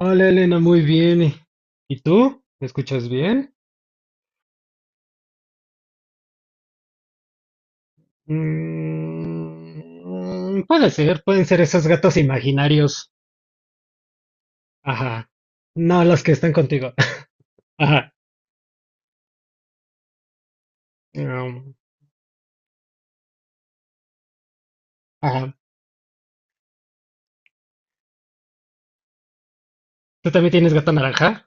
Hola Elena, muy bien. ¿Y tú? ¿Me escuchas bien? Mm, puede ser, pueden ser esos gatos imaginarios. Ajá. No, los que están contigo. Ajá. Mm, ajá. ¿Tú también tienes gato naranja?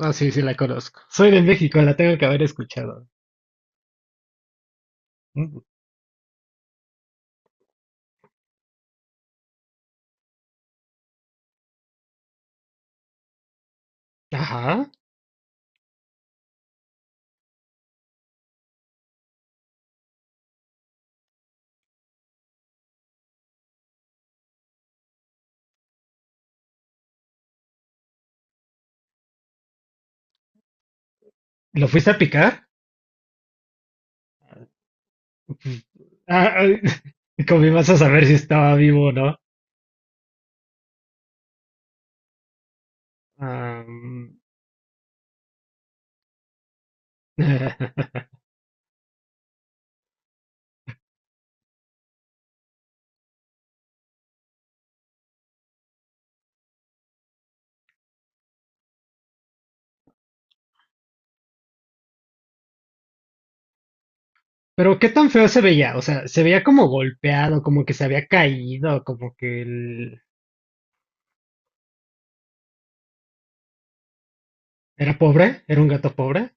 Ah, sí, sí, la conozco. Soy de México, la tengo que haber escuchado. Mm, ajá. ¿Lo fuiste a picar? Ah, ah, con a saber si estaba vivo o no. Ah, mm. Pero qué tan feo se veía, se veía como golpeado, como que se había caído, como que él era pobre, era un gato pobre,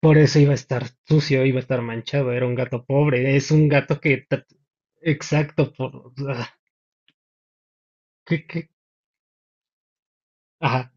por eso iba a estar sucio, iba a estar manchado, era un gato pobre, es un gato que, ta- exacto, por, ah, ¿qué- qué? Ajá.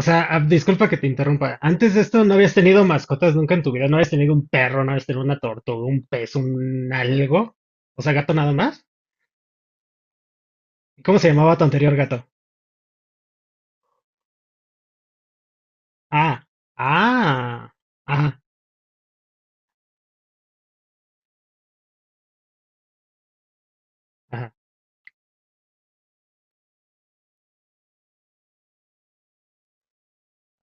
O sea, ah, disculpa que te interrumpa, antes de esto no habías tenido mascotas nunca en tu vida, no habías tenido un perro, no habías tenido una tortuga, un pez, un algo, o sea, gato nada más. ¿Cómo se llamaba tu anterior gato? Ah, ah, ajá, ajá.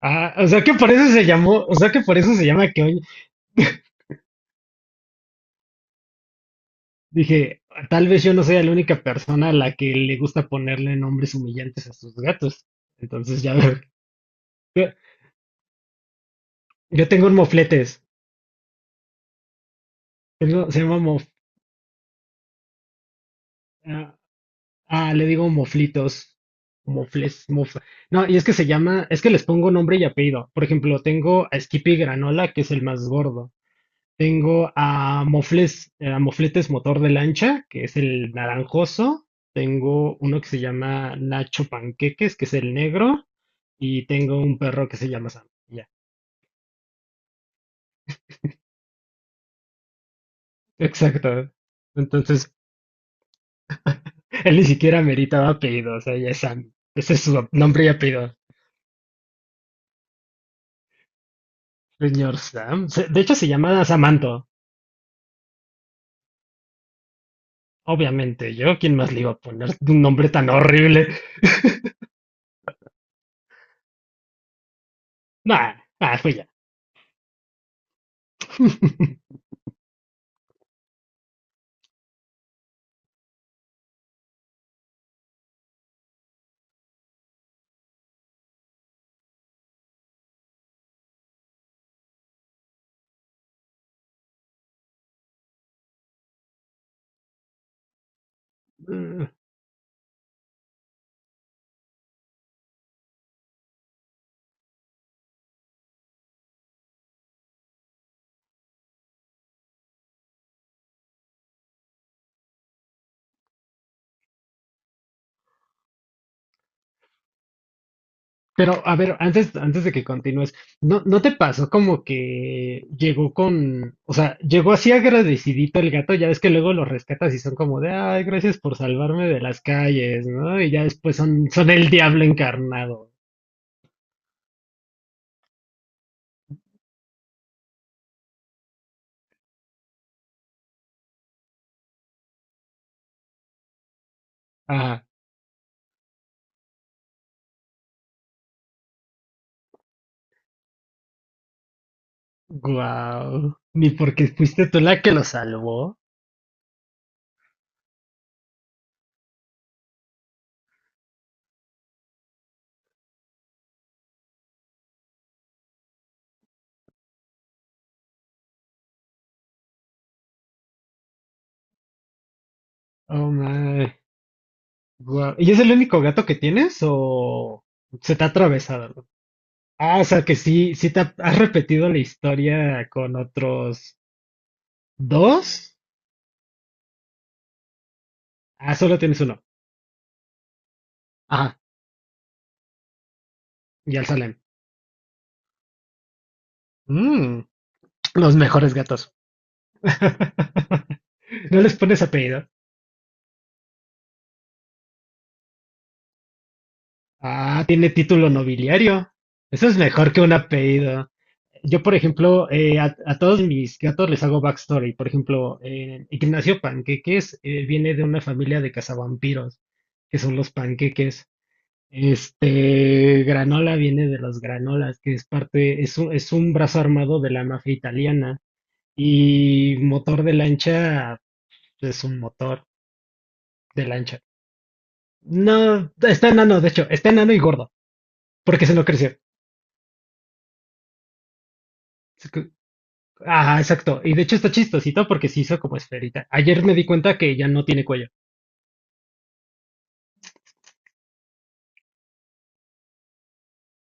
Ah, o sea que por eso se llamó, o sea que por eso se llama que hoy dije, tal vez yo no sea la única persona a la que le gusta ponerle nombres humillantes a sus gatos. Entonces ya veo. Yo, yo tengo un mofletes. Tengo, se llama mof, ah, ah, le digo moflitos. Mofles, mof. No, y es que se llama, es que les pongo nombre y apellido. Por ejemplo, tengo a Skippy Granola, que es el más gordo. Tengo a Mofles, a Mofletes Motor de Lancha, que es el naranjoso. Tengo uno que se llama Nacho Panqueques, que es el negro. Y tengo un perro que se llama Sam. Ya, exacto. Entonces, él ni siquiera meritaba apellido, o sea, ya es Sam. Ese es su nombre y apellido. Señor Sam. Se- De hecho, se llama Samanto. Obviamente, yo, ¿quién más le iba a poner un nombre tan horrible? Nah, ah, fue ya. Pero, a ver, antes de que continúes, ¿no, no te pasó como que llegó con, o sea, llegó así agradecidito el gato, ya ves que luego lo rescatas y son como de, ay, gracias por salvarme de las calles, ¿no? Y ya después son, son el diablo encarnado. Ah, guau. Ni porque fuiste tú la que lo salvó. Oh my, guau. ¿Y es el único gato que tienes o se te ha atravesado? Ah, o sea que sí, sí te ha- has repetido la historia con otros dos. Ah, solo tienes uno. Ajá, y al Salem. Mm, los mejores gatos. No les pones apellido. Ah, tiene título nobiliario. Eso es mejor que un apellido. Yo, por ejemplo, a todos mis gatos les hago backstory. Por ejemplo, Ignacio Panqueques viene de una familia de cazavampiros, que son los panqueques. Este, Granola viene de los granolas, que es parte, es un brazo armado de la mafia italiana. Y motor de lancha es un motor de lancha. No, está enano, de hecho, está enano y gordo, porque se lo creció. Se cre- ajá, exacto. Y de hecho está chistosito porque se hizo como esferita. Ayer me di cuenta que ya no tiene cuello.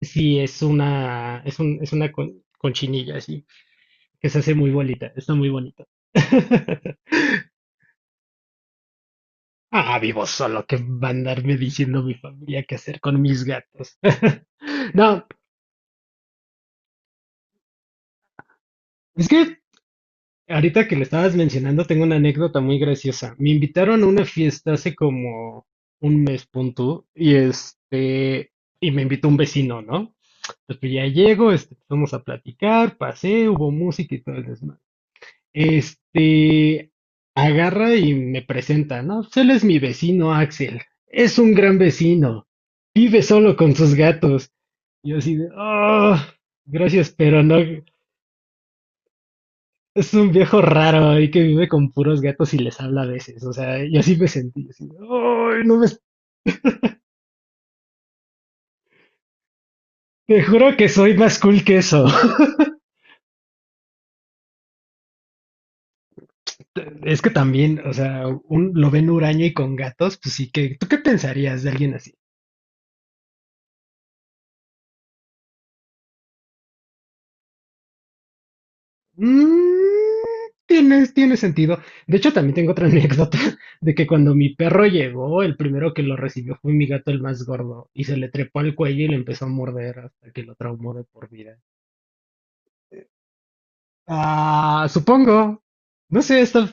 Sí, es una, es un, es una con- conchinilla así, que se hace muy bonita, está muy bonita. Ah, vivo solo, que va a andarme diciendo mi familia qué hacer con mis gatos. No, es que ahorita que lo estabas mencionando, tengo una anécdota muy graciosa. Me invitaron a una fiesta hace como un mes punto y este, y me invitó un vecino, ¿no? Entonces, pues ya llego, este, vamos a platicar, pasé, hubo música y todo el desmadre. Este, agarra y me presenta, ¿no? Pues él es mi vecino, Axel. Es un gran vecino. Vive solo con sus gatos. Yo así de, oh, gracias, pero no, es un viejo raro ahí que vive con puros gatos y les habla a veces. O sea, yo así me sentí. Así, "Ay, no me... Te juro que soy más cool que eso". Es que también, o sea, un, lo ven huraño y con gatos, pues sí que... ¿Tú qué pensarías de alguien así? Mm, tiene, tiene sentido. De hecho, también tengo otra anécdota de que cuando mi perro llegó, el primero que lo recibió fue mi gato el más gordo y se le trepó al cuello y le empezó a morder hasta que lo traumó de por vida. Ah, supongo. No sé, está,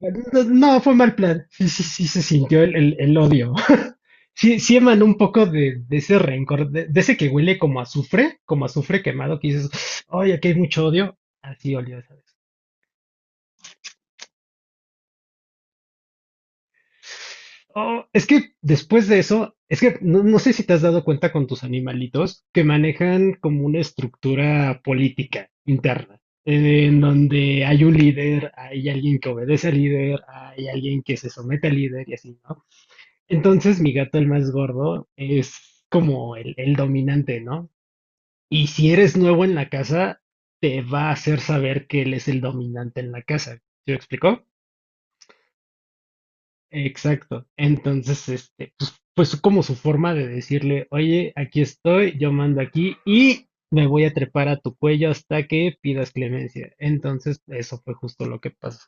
no, no, fue mal plan. Sí, sí, sí, se sintió el, el odio. Sí, sí emanó un poco de ese rencor, de ese que huele como a azufre quemado, que dices, ay, aquí hay mucho odio. Así olió esa vez. Oh, es que después de eso, es que no, no sé si te has dado cuenta con tus animalitos que manejan como una estructura política interna, en donde hay un líder, hay alguien que obedece al líder, hay alguien que se somete al líder y así, ¿no? Entonces mi gato, el más gordo, es como el dominante, ¿no? Y si eres nuevo en la casa, te va a hacer saber que él es el dominante en la casa. ¿Se me explicó? Exacto. Entonces, este, pues, pues como su forma de decirle, oye, aquí estoy, yo mando aquí y me voy a trepar a tu cuello hasta que pidas clemencia. Entonces, eso fue justo lo que pasó.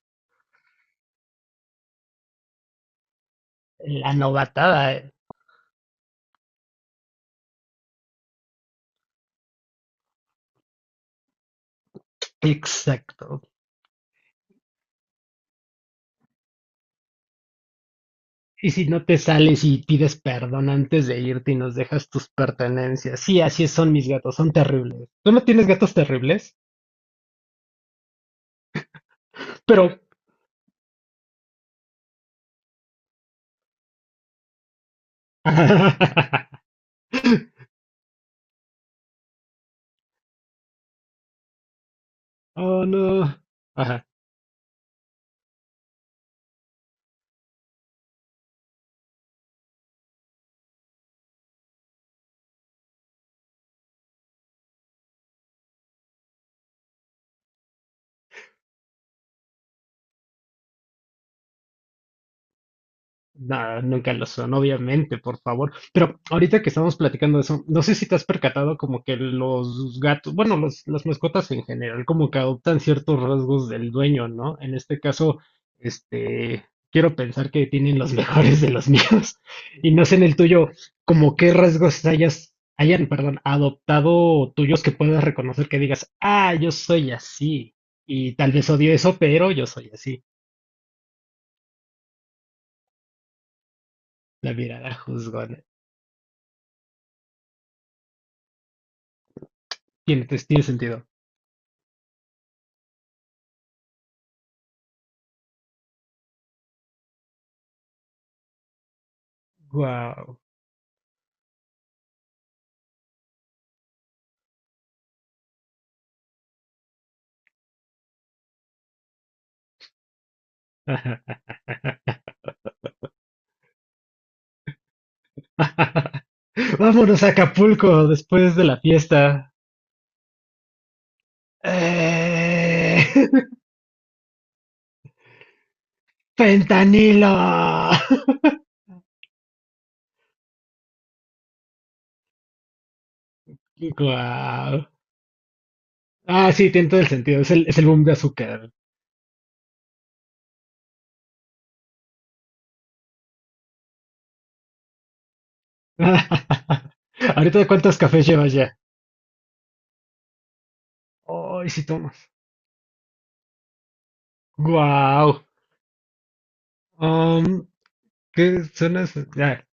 La novatada. Exacto. Y si no te sales y pides perdón antes de irte y nos dejas tus pertenencias. Sí, así es, son mis gatos, son terribles. ¿Tú no tienes gatos terribles? Pero... Oh, no. Ajá. Nah, nunca lo son, obviamente, por favor. Pero ahorita que estamos platicando de eso, no sé si te has percatado como que los gatos, bueno, los, las mascotas en general, como que adoptan ciertos rasgos del dueño, ¿no? En este caso, este, quiero pensar que tienen los mejores de los míos. Y no sé en el tuyo, como qué rasgos hayas, hayan, perdón, adoptado tuyos que puedas reconocer que digas, ah, yo soy así. Y tal vez odio eso, pero yo soy así. La mirada juzgona. Tiene, tiene sentido. Wow. Vámonos a Acapulco después de la fiesta. Eh, fentanilo. Wow. Ah, sí, tiene todo el sentido. Es el boom de azúcar. Ahorita, ¿cuántos cafés llevas ya? Ay, sí tomas. Wow. Um, ¿Qué son eso? Ya,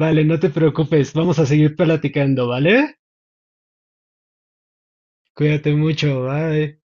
vale, no te preocupes. Vamos a seguir platicando, ¿vale? Cuídate mucho. Bye.